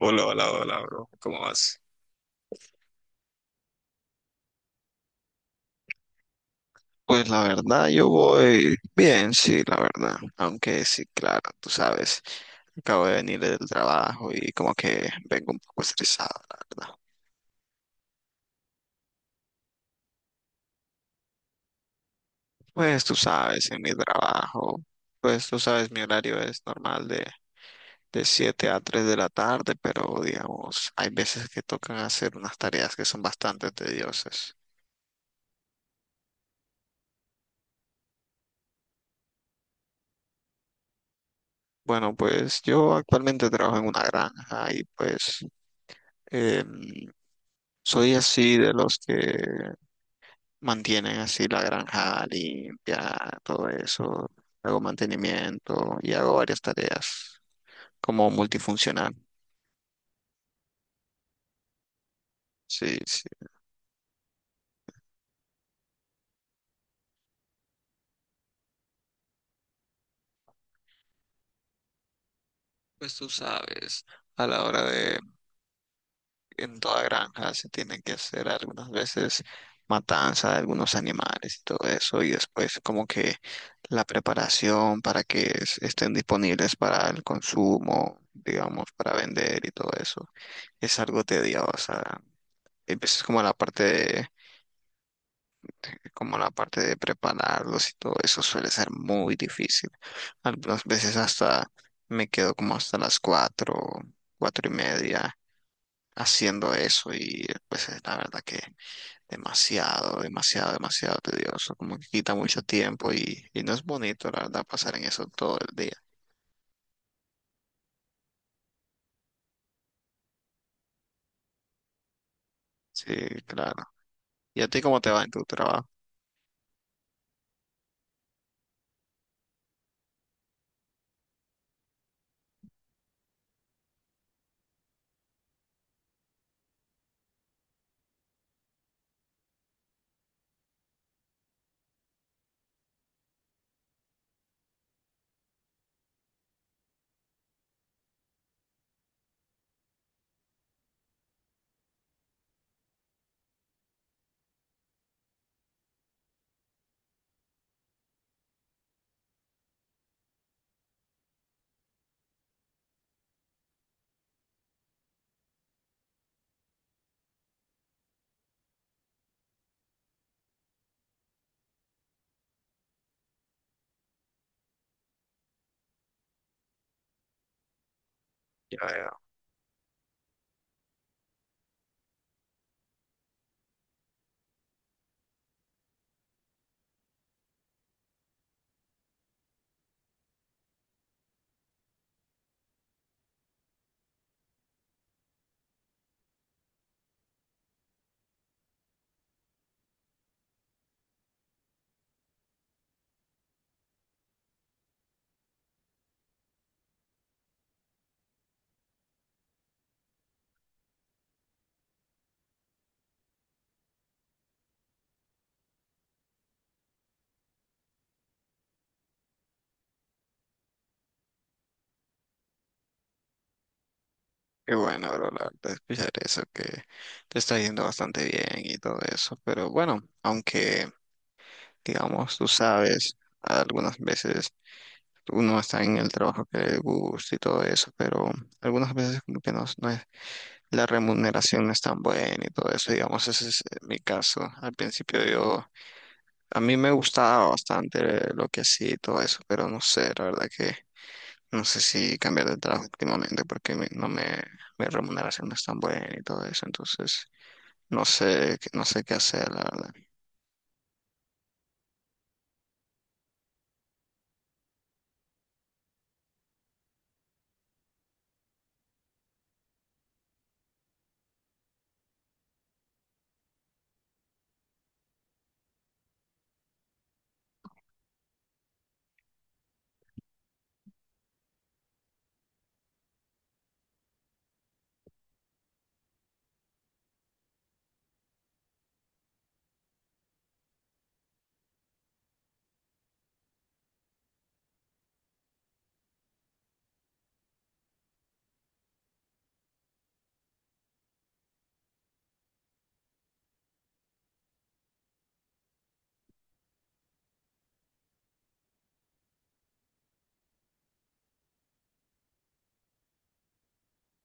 Hola, hola, hola, bro. ¿Cómo vas? Pues la verdad, yo voy bien, sí, la verdad. Aunque sí, claro, tú sabes, acabo de venir del trabajo y como que vengo un poco estresado, la verdad. Pues tú sabes, en mi trabajo, pues tú sabes, mi horario es normal de 7 a 3 de la tarde, pero digamos, hay veces que tocan hacer unas tareas que son bastante tediosas. Bueno, pues yo actualmente trabajo en una granja y pues... em, soy así de los que mantienen así la granja limpia, todo eso. Hago mantenimiento y hago varias tareas como multifuncional. Sí, sí. Pues tú sabes, a la hora de, en toda granja se tienen que hacer algunas veces matanza de algunos animales y todo eso, y después como que la preparación para que estén disponibles para el consumo, digamos, para vender y todo eso, es algo tedioso. Empiezas como la parte de, como la parte de prepararlos y todo eso suele ser muy difícil. Algunas veces hasta me quedo como hasta las 4, 4 y media haciendo eso y pues es la verdad que demasiado, demasiado, demasiado tedioso, como que quita mucho tiempo y no es bonito la verdad pasar en eso todo el día. Sí, claro. ¿Y a ti cómo te va en tu trabajo? Ya. Qué bueno, bro, la verdad, escuchar eso, que te está yendo bastante bien y todo eso. Pero bueno, aunque, digamos, tú sabes, algunas veces uno está en el trabajo que le gusta y todo eso, pero algunas veces como que no, no es, la remuneración no es tan buena y todo eso. Digamos, ese es mi caso. Al principio yo, a mí me gustaba bastante lo que hacía y todo eso, pero no sé, la verdad que no sé si cambiar de trabajo últimamente porque no me, mi remuneración no es tan buena y todo eso, entonces no sé, no sé qué hacer, la verdad.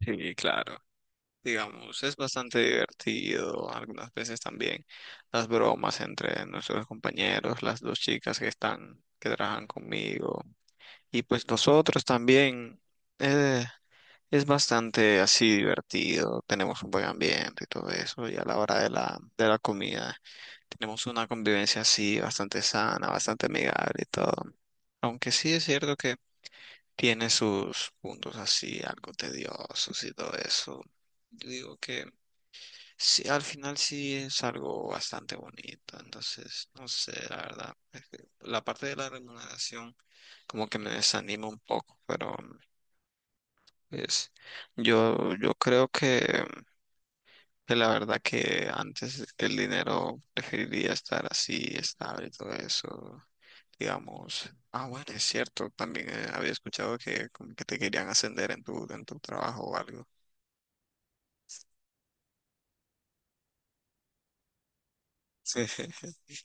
Sí, claro. Digamos, es bastante divertido, algunas veces también las bromas entre nuestros compañeros, las dos chicas que están, que trabajan conmigo, y pues nosotros también, eh, es bastante así divertido, tenemos un buen ambiente y todo eso, y a la hora de la comida. Tenemos una convivencia así bastante sana, bastante amigable y todo. Aunque sí es cierto que tiene sus puntos así, algo tediosos y todo eso. Yo digo que sí, al final sí es algo bastante bonito. Entonces, no sé, la verdad. Es que la parte de la remuneración como que me desanima un poco, pero es, yo creo que la verdad que antes el dinero preferiría estar así, estable y todo eso. Digamos, ah, bueno, es cierto, también había escuchado que como que te querían ascender en tu trabajo o algo. Sí,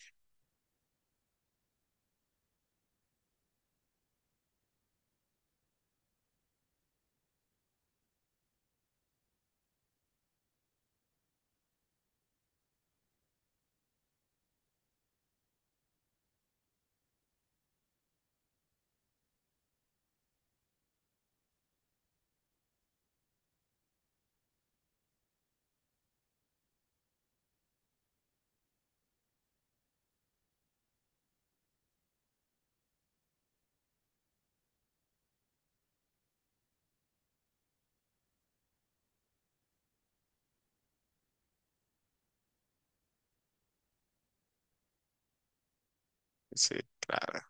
sí, claro,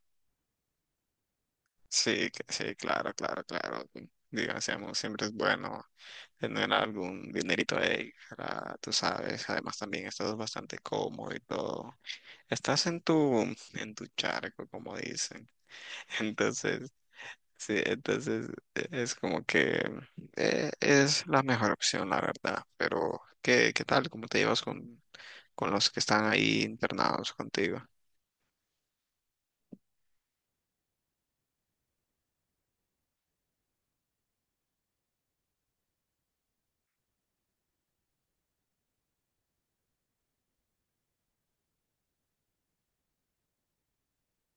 sí, sí, claro, claro, claro. Digamos, siempre es bueno tener algún dinerito ahí, para, tú sabes, además también estás bastante cómodo y todo. Estás en tu charco, como dicen. Entonces, sí, entonces es como que es la mejor opción, la verdad. Pero, ¿qué, qué tal? ¿Cómo te llevas con los que están ahí internados contigo?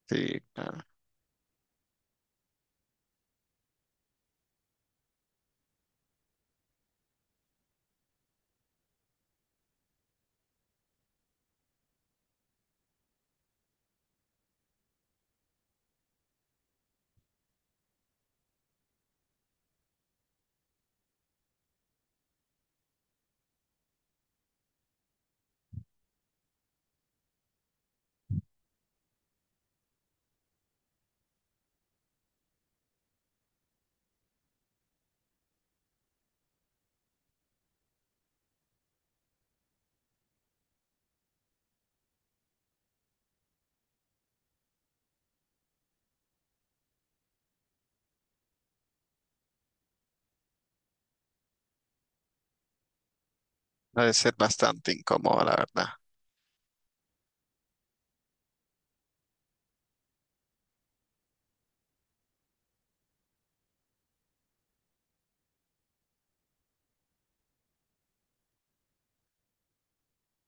Sí, claro. Ha de ser bastante incómodo, la verdad.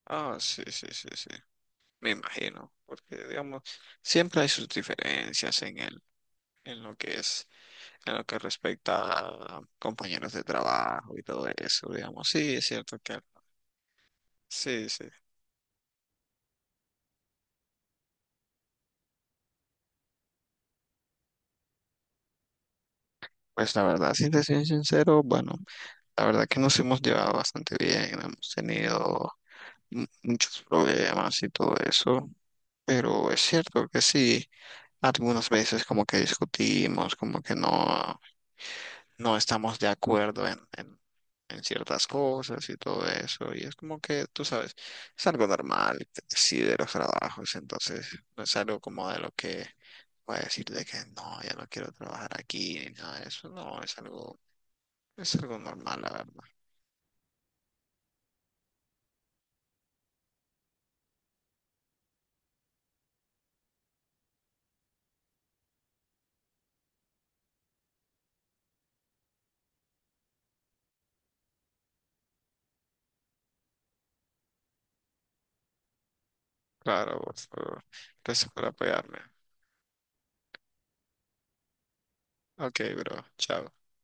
Ah, sí, sí, sí, sí. Me imagino, porque digamos, siempre hay sus diferencias en el, en lo que es, en lo que respecta a compañeros de trabajo y todo eso, digamos, sí, es cierto que sí, sí. Pues la verdad, si te soy sincero, bueno, la verdad que nos hemos llevado bastante bien, no hemos tenido muchos problemas y todo eso, pero es cierto que sí, algunas veces como que discutimos, como que no. No estamos de acuerdo en ciertas cosas y todo eso. Y es como que, tú sabes, es algo normal, sí, de los trabajos. Entonces, no es algo como de lo que voy a decir de que no, ya no quiero trabajar aquí ni nada de eso. No, es algo normal, la verdad. Claro, por favor. Gracias por apoyarme. Ok, bro, chao.